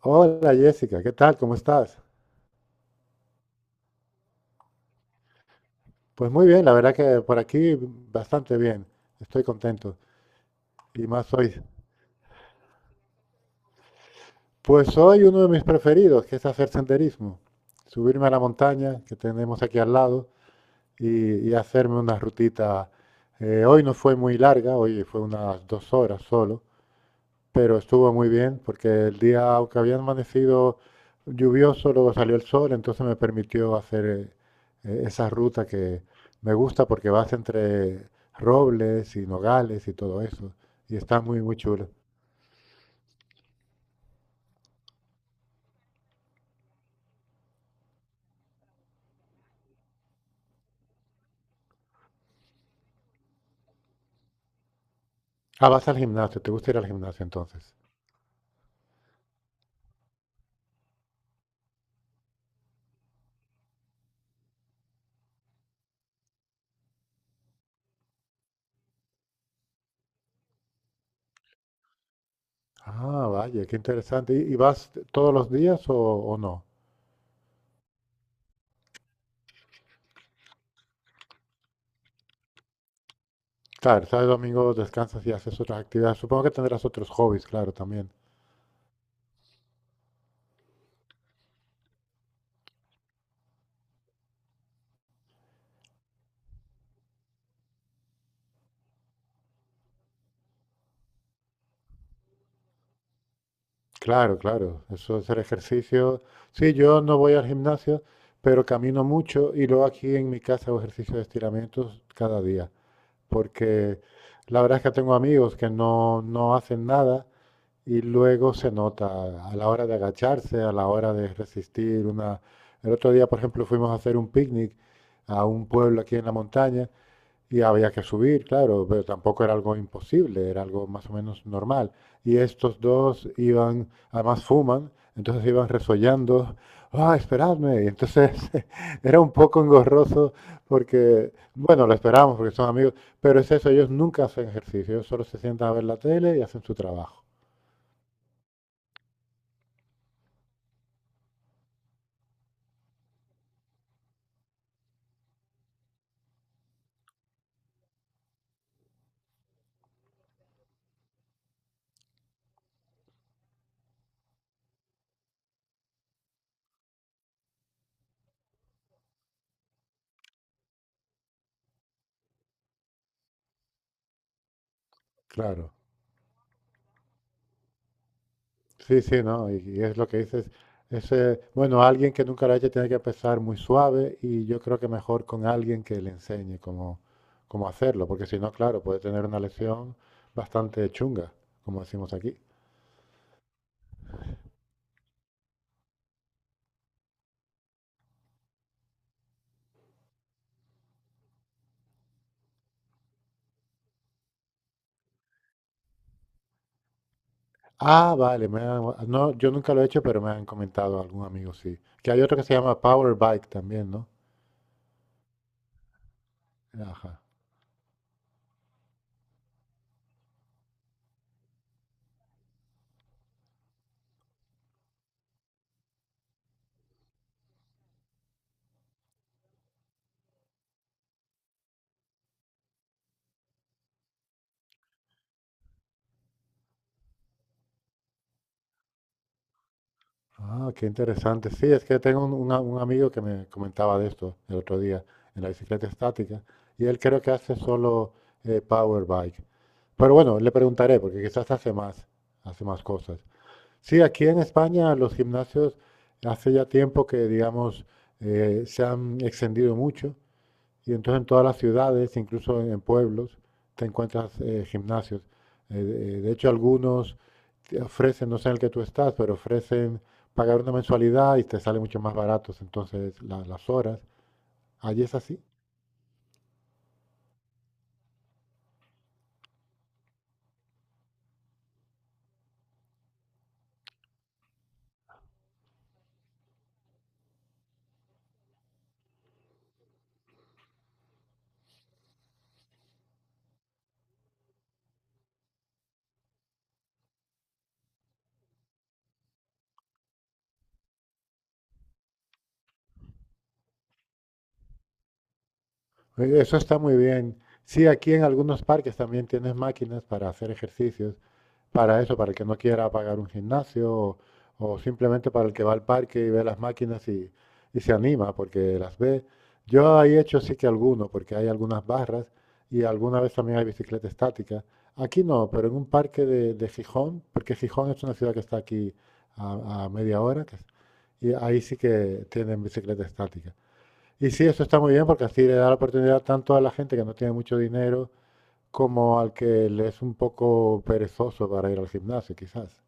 Hola Jessica, ¿qué tal? ¿Cómo estás? Pues muy bien, la verdad que por aquí bastante bien, estoy contento. Y más hoy. Pues hoy uno de mis preferidos, que es hacer senderismo, subirme a la montaña que tenemos aquí al lado y hacerme una rutita. Hoy no fue muy larga, hoy fue unas 2 horas solo, pero estuvo muy bien porque el día, aunque había amanecido lluvioso, luego salió el sol, entonces me permitió hacer esa ruta que me gusta porque vas entre robles y nogales y todo eso. Y está muy, muy chulo. Ah, vas al gimnasio, ¿te gusta ir al gimnasio entonces? Ah, vaya, qué interesante. ¿Y vas todos los días o no? Claro, sábado y domingo descansas y haces otras actividades. Supongo que tendrás otros hobbies, claro, también. Claro, claro, eso es el ejercicio. Sí, yo no voy al gimnasio, pero camino mucho y luego aquí en mi casa hago ejercicio de estiramientos cada día, porque la verdad es que tengo amigos que no hacen nada y luego se nota a la hora de agacharse, a la hora de resistir una... El otro día, por ejemplo, fuimos a hacer un picnic a un pueblo aquí en la montaña y había que subir, claro, pero tampoco era algo imposible, era algo más o menos normal. Y estos dos iban, además fuman, entonces iban resollando, ¡ah, esperadme! Y entonces era un poco engorroso porque, bueno, lo esperamos porque son amigos, pero es eso, ellos nunca hacen ejercicio, ellos solo se sientan a ver la tele y hacen su trabajo, claro. Sí, sí, no, y es lo que dices. Es, bueno, alguien que nunca lo ha hecho tiene que empezar muy suave y yo creo que mejor con alguien que le enseñe cómo hacerlo, porque si no, claro, puede tener una lesión bastante chunga, como decimos aquí. Ah, vale, me han- no, yo nunca lo he hecho, pero me han comentado algún amigo, sí. Que hay otro que se llama Power Bike también, ¿no? Ajá. Ah, qué interesante. Sí, es que tengo un, un amigo que me comentaba de esto el otro día, en la bicicleta estática, y él creo que hace solo power bike. Pero bueno, le preguntaré, porque quizás hace más cosas. Sí, aquí en España los gimnasios hace ya tiempo que, digamos, se han extendido mucho, y entonces en todas las ciudades, incluso en pueblos, te encuentras gimnasios. De hecho, algunos te ofrecen, no sé en el que tú estás, pero ofrecen pagar una mensualidad y te sale mucho más baratos entonces la- las horas. Allí es así. Eso está muy bien. Sí, aquí en algunos parques también tienes máquinas para hacer ejercicios. Para eso, para el que no quiera pagar un gimnasio o simplemente para el que va al parque y ve las máquinas y se anima porque las ve. Yo he hecho sí que alguno, porque hay algunas barras y alguna vez también hay bicicleta estática. Aquí no, pero en un parque de Gijón, porque Gijón es una ciudad que está aquí a 1/2 hora, que es- y ahí sí que tienen bicicleta estática. Y sí, eso está muy bien porque así le da la oportunidad tanto a la gente que no tiene mucho dinero como al que le es un poco perezoso para ir al gimnasio, quizás.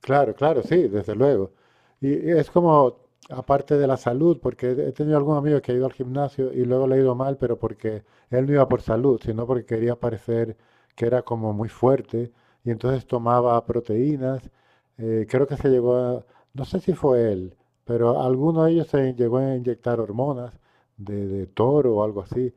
Claro, claro, sí, desde luego. Y es como, aparte de la salud, porque he tenido algún amigo que ha ido al gimnasio y luego le ha ido mal, pero porque él no iba por salud, sino porque quería parecer que era como muy fuerte y entonces tomaba proteínas. Creo que se llegó a, no sé si fue él, pero alguno de ellos se llegó a inyectar hormonas de toro o algo así.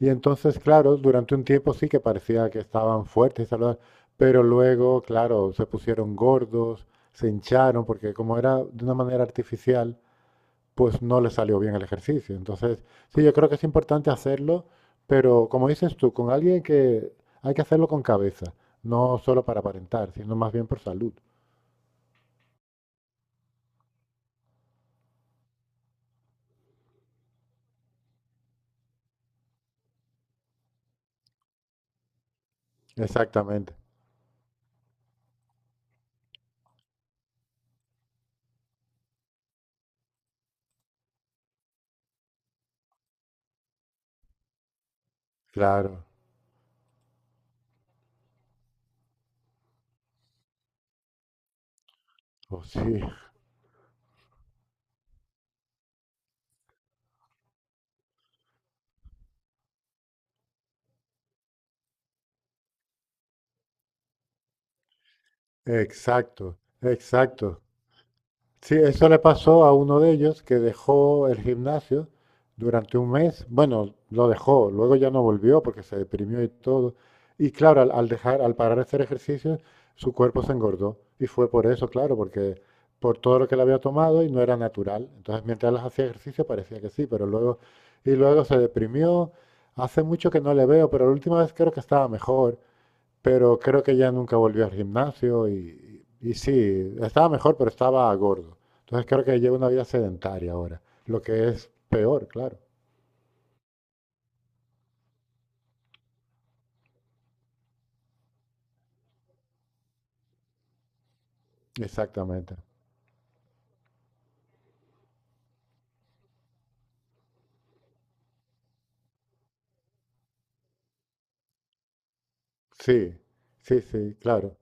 Y entonces, claro, durante un tiempo sí que parecía que estaban fuertes y saludables, pero luego, claro, se pusieron gordos, se hincharon porque como era de una manera artificial, pues no les salió bien el ejercicio. Entonces, sí, yo creo que es importante hacerlo, pero como dices tú, con alguien que hay que hacerlo con cabeza, no solo para aparentar, sino más bien por salud. Exactamente, claro. Oh, sí, exacto, exacto. Sí, eso le pasó a uno de ellos que dejó el gimnasio durante 1 mes. Bueno, lo dejó, luego ya no volvió porque se deprimió y todo. Y claro, al dejar, al parar de hacer ejercicio, su cuerpo se engordó. Y fue por eso, claro, porque por todo lo que le había tomado y no era natural. Entonces, mientras él hacía ejercicio parecía que sí, pero luego, y luego se deprimió. Hace mucho que no le veo, pero la última vez creo que estaba mejor. Pero creo que ya nunca volvió al gimnasio y sí, estaba mejor, pero estaba gordo. Entonces creo que lleva una vida sedentaria ahora, lo que es peor, claro. Exactamente. Sí, sí, sí, claro.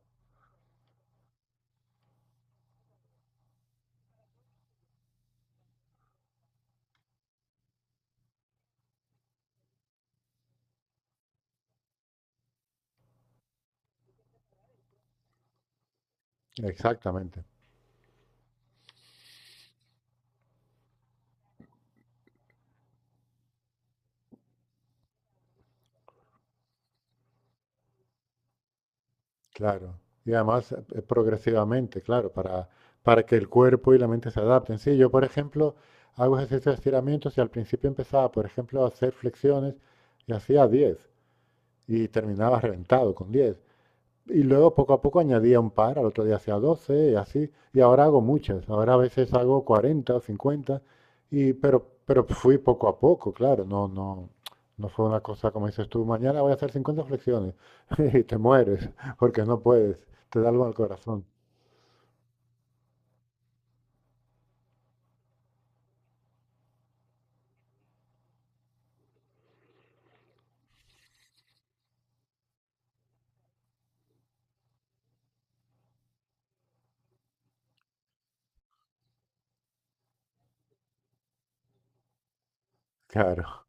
Exactamente, claro. Y además progresivamente, claro, para que el cuerpo y la mente se adapten. Sí, yo, por ejemplo, hago ejercicios de estiramientos y al principio empezaba, por ejemplo, a hacer flexiones y hacía 10 y terminaba reventado con 10. Y luego poco a poco añadía un par, al otro día hacía 12 y así. Y ahora hago muchas. Ahora a veces hago 40 o 50. Y, pero fui poco a poco, claro. No, no fue una cosa como dices tú, mañana voy a hacer 50 flexiones. Y te mueres porque no puedes. Te da algo al corazón. Claro,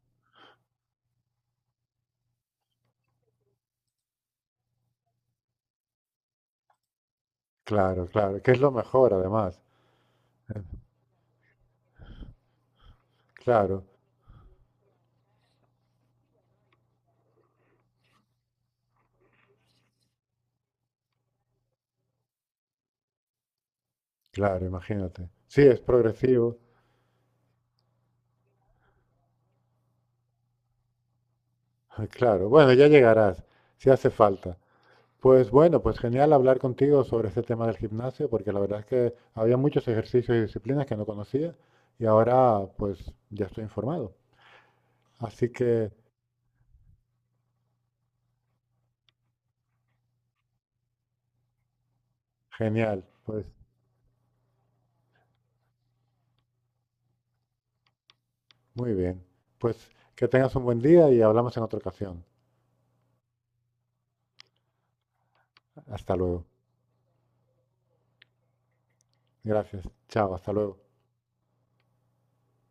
claro, claro. Que es lo mejor además. Claro, claro, imagínate. Sí, es progresivo. Claro. Bueno, ya llegarás, si hace falta. Pues bueno, pues genial hablar contigo sobre este tema del gimnasio, porque la verdad es que había muchos ejercicios y disciplinas que no conocía y ahora pues ya estoy informado. Así que genial, pues muy bien. Pues que tengas un buen día y hablamos en otra ocasión. Hasta luego. Gracias. Chao, hasta luego.